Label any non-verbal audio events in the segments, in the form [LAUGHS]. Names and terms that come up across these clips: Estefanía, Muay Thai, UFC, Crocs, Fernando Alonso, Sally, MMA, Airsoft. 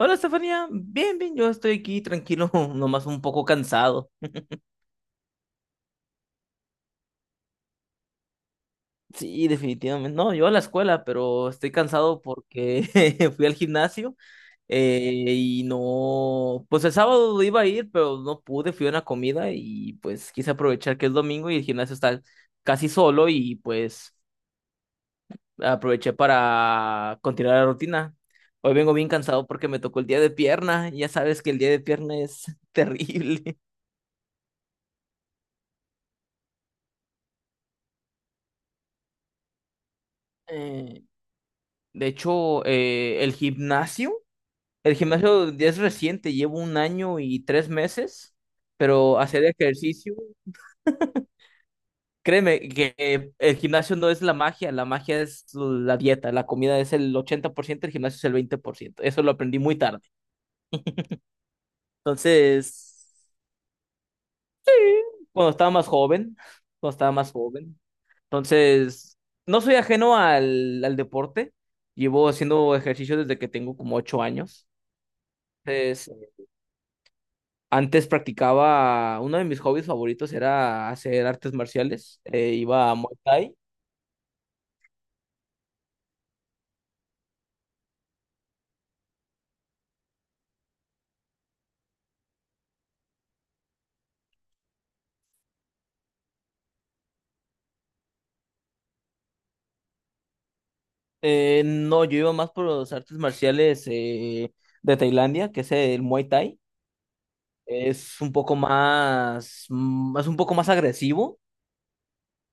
Hola, Estefanía. Bien, bien, yo estoy aquí tranquilo, [LAUGHS] nomás un poco cansado. Sí, definitivamente. No, yo a la escuela, pero estoy cansado porque [LAUGHS] fui al gimnasio y no, pues el sábado iba a ir, pero no pude, fui a una comida y pues quise aprovechar que es domingo y el gimnasio está casi solo y pues aproveché para continuar la rutina. Hoy vengo bien cansado porque me tocó el día de pierna, y ya sabes que el día de pierna es [LAUGHS] terrible. [LAUGHS] Eh, De hecho, el gimnasio es reciente, llevo un año y 3 meses, pero hacer ejercicio, créeme que el gimnasio no es la magia es la dieta, la comida es el 80%, el gimnasio es el 20%. Eso lo aprendí muy tarde. Entonces, cuando estaba más joven, cuando estaba más joven, entonces, no soy ajeno al deporte, llevo haciendo ejercicio desde que tengo como 8 años. Entonces, antes practicaba, uno de mis hobbies favoritos era hacer artes marciales. Iba a Muay Thai. No, yo iba más por las artes marciales de Tailandia, que es el Muay Thai. Es un poco más, mm, es un poco más agresivo.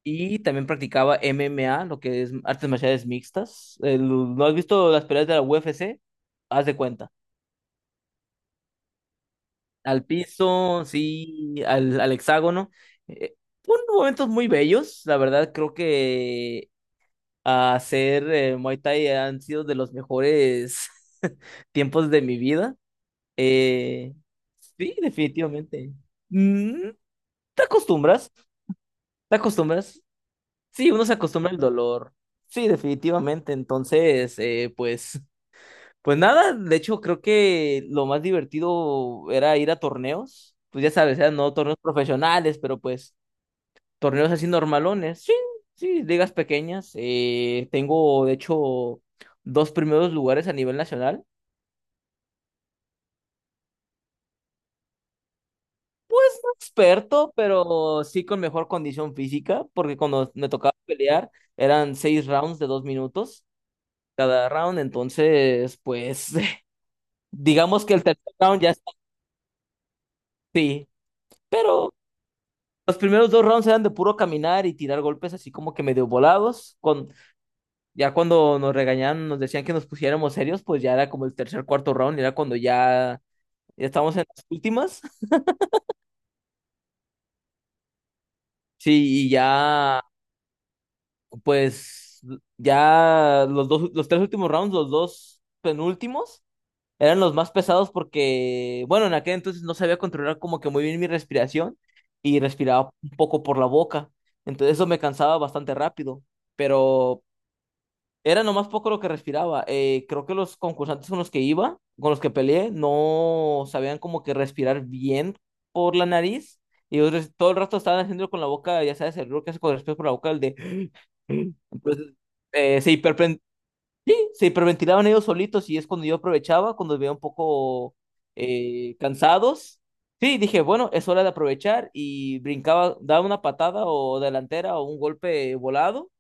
Y también practicaba MMA, lo que es artes marciales mixtas. ¿No has visto las peleas de la UFC? Haz de cuenta. Al piso, sí, al hexágono. Eh, fueron momentos muy bellos, la verdad creo que a hacer Muay Thai han sido de los mejores [LAUGHS] tiempos de mi vida. Eh, sí, definitivamente. Mm, te acostumbras, te acostumbras. Sí, uno se acostumbra al dolor. Sí, definitivamente. Entonces, pues nada, de hecho creo que lo más divertido era ir a torneos. Pues ya sabes, eran no torneos profesionales, pero pues torneos así normalones, sí, sí, ligas pequeñas. Tengo, de hecho, dos primeros lugares a nivel nacional. No experto, pero sí con mejor condición física, porque cuando me tocaba pelear eran 6 rounds de 2 minutos cada round. Entonces, pues, [LAUGHS] digamos que el tercer round ya está así, pero. Los primeros dos rounds eran de puro caminar y tirar golpes así como que medio volados, con Ya cuando nos regañaban, nos decían que nos pusiéramos serios, pues ya era como el tercer, cuarto round, era cuando ya estábamos en las últimas. [LAUGHS] Sí, y ya, pues, ya los dos, los tres últimos rounds, los dos penúltimos, eran los más pesados porque, bueno, en aquel entonces no sabía controlar como que muy bien mi respiración y respiraba un poco por la boca. Entonces eso me cansaba bastante rápido, pero era nomás poco lo que respiraba. Creo que los concursantes con los que iba, con los que peleé, no sabían como que respirar bien por la nariz. Y ellos todo el rato estaban haciéndolo con la boca, ya sabes, el ruido que hace con el respiras por la boca, el de [GASPS] Entonces, eh, se hiperpen- se hiperventilaban ellos solitos y es cuando yo aprovechaba, cuando los veía un poco cansados. Sí, dije, bueno, es hora de aprovechar y brincaba, daba una patada o delantera o un golpe volado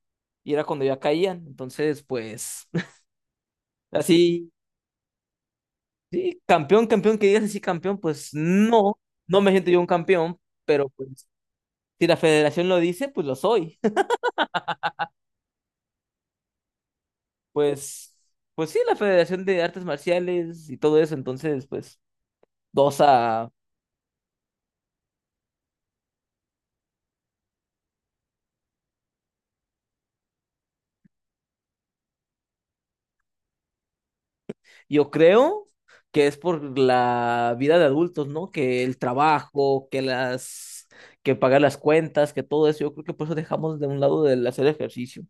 y era cuando ya caían. Entonces, pues. Así, sí, campeón, campeón, que digas así campeón, pues no, no me siento yo un campeón, pero pues si la federación lo dice, pues lo soy. [LAUGHS] Pues, pues sí, la Federación de Artes Marciales y todo eso, entonces, pues, dos a, yo creo que es por la vida de adultos, ¿no? Que el trabajo, que las, que pagar las cuentas, que todo eso, yo creo que por eso dejamos de un lado el hacer ejercicio.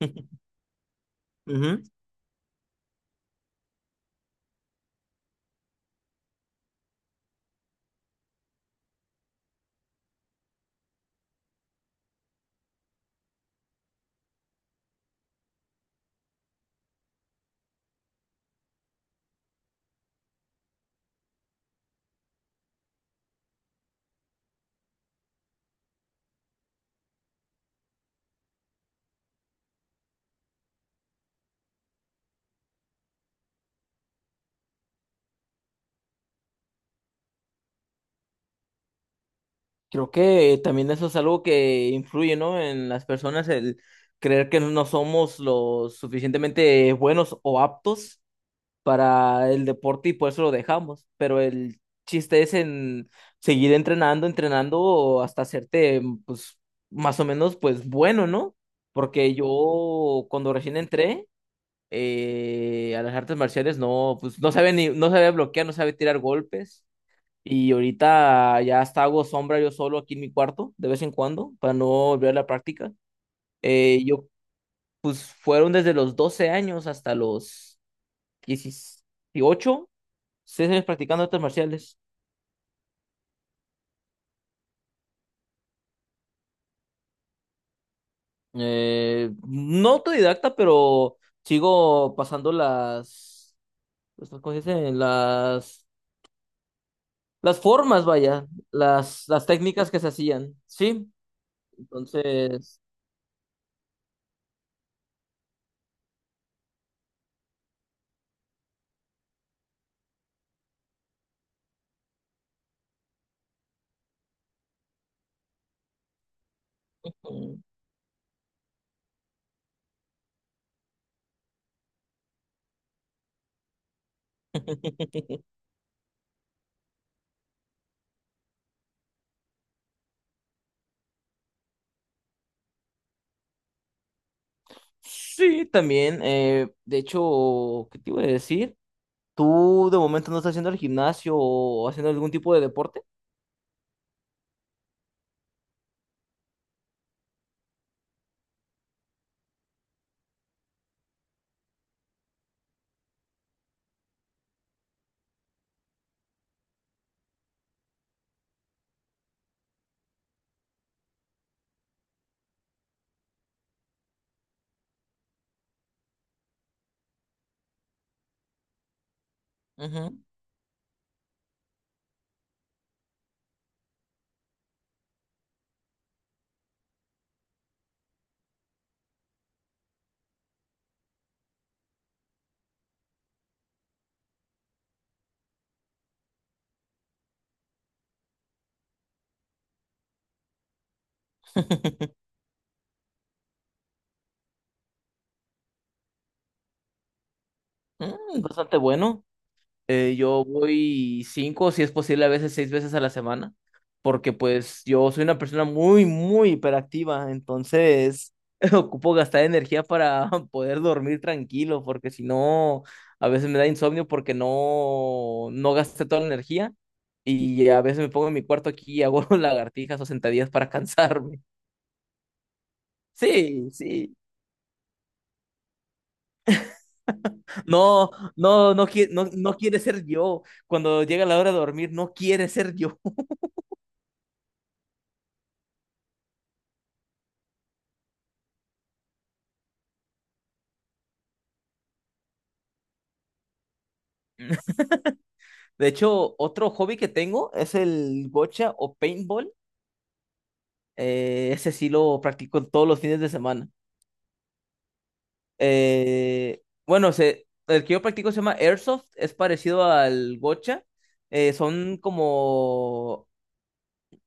[LAUGHS] Ujú. Creo que también eso es algo que influye, ¿no? En las personas, el creer que no somos lo suficientemente buenos o aptos para el deporte y por eso lo dejamos. Pero el chiste es en seguir entrenando, entrenando hasta hacerte, pues, más o menos, pues, bueno, ¿no? Porque yo cuando recién entré a las artes marciales, no, pues, no sabía ni, no sabía bloquear, no sabía tirar golpes. Y ahorita ya hasta hago sombra yo solo aquí en mi cuarto, de vez en cuando, para no volver a la práctica. Yo fueron desde los 12 años hasta los 18, 6 años practicando artes marciales. No autodidacta, pero sigo pasando las, estas cosas dicen, las formas, vaya, las técnicas que se hacían, ¿sí? Entonces. [LAUGHS] Sí, también. De hecho, ¿qué te iba a decir? ¿Tú de momento no estás haciendo el gimnasio o haciendo algún tipo de deporte? Ujú. Bastante bueno. Yo voy cinco, si es posible, a veces 6 veces a la semana, porque pues yo soy una persona muy, muy hiperactiva, entonces [LAUGHS] ocupo gastar energía para [LAUGHS] poder dormir tranquilo, porque si no, a veces me da insomnio porque no, no gasté toda la energía y a veces me pongo en mi cuarto aquí y hago [LAUGHS] lagartijas o sentadillas para cansarme. [LAUGHS] Sí, sí. No, no, no, no, no quiere ser yo. Cuando llega la hora de dormir, no quiere ser yo. [LAUGHS] De hecho, otro hobby que tengo es el gocha o paintball. Ese sí lo practico todos los fines de semana. Eh, bueno, el que yo practico se llama Airsoft, es parecido al gocha. Son como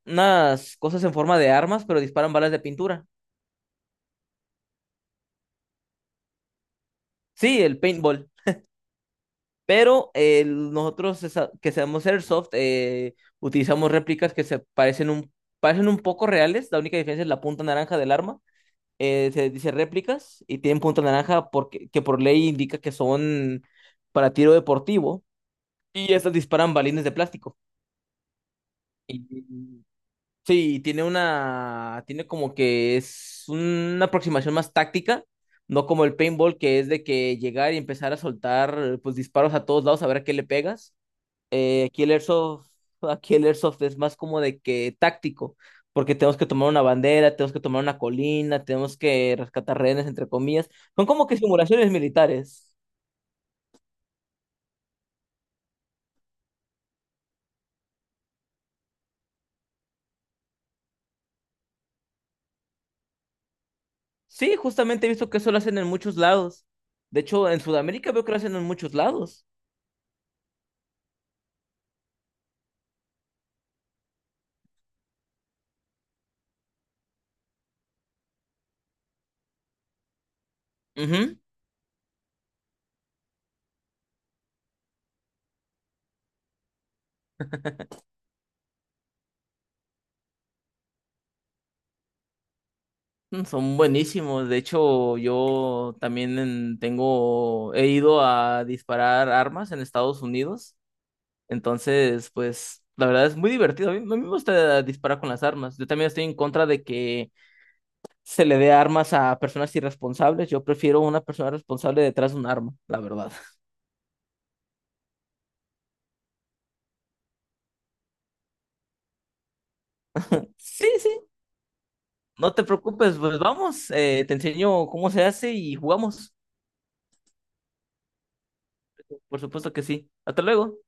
unas cosas en forma de armas, pero disparan balas de pintura. Sí, el paintball. Pero nosotros que seamos Airsoft, utilizamos réplicas que parecen un poco reales. La única diferencia es la punta naranja del arma. Se dice réplicas y tienen punto naranja porque, que por ley indica que son para tiro deportivo y estas disparan balines de plástico. Y, y- sí, tiene como que es una aproximación más táctica, no como el paintball que es de que llegar y empezar a soltar pues disparos a todos lados a ver a qué le pegas. Aquí el Airsoft, [LAUGHS] aquí el Airsoft es más como de que táctico, porque tenemos que tomar una bandera, tenemos que tomar una colina, tenemos que rescatar rehenes, entre comillas. Son como que simulaciones militares. Sí, justamente he visto que eso lo hacen en muchos lados. De hecho, en Sudamérica veo que lo hacen en muchos lados. Ujú. Son buenísimos. De hecho, yo también he ido a disparar armas en Estados Unidos. Entonces, pues la verdad es muy divertido. A mí me gusta disparar con las armas. Yo también estoy en contra de que se le dé armas a personas irresponsables. Yo prefiero una persona responsable detrás de un arma, la verdad. [LAUGHS] Sí, sí, no te preocupes, pues vamos, te enseño cómo se hace y jugamos. Por supuesto que sí. Hasta luego.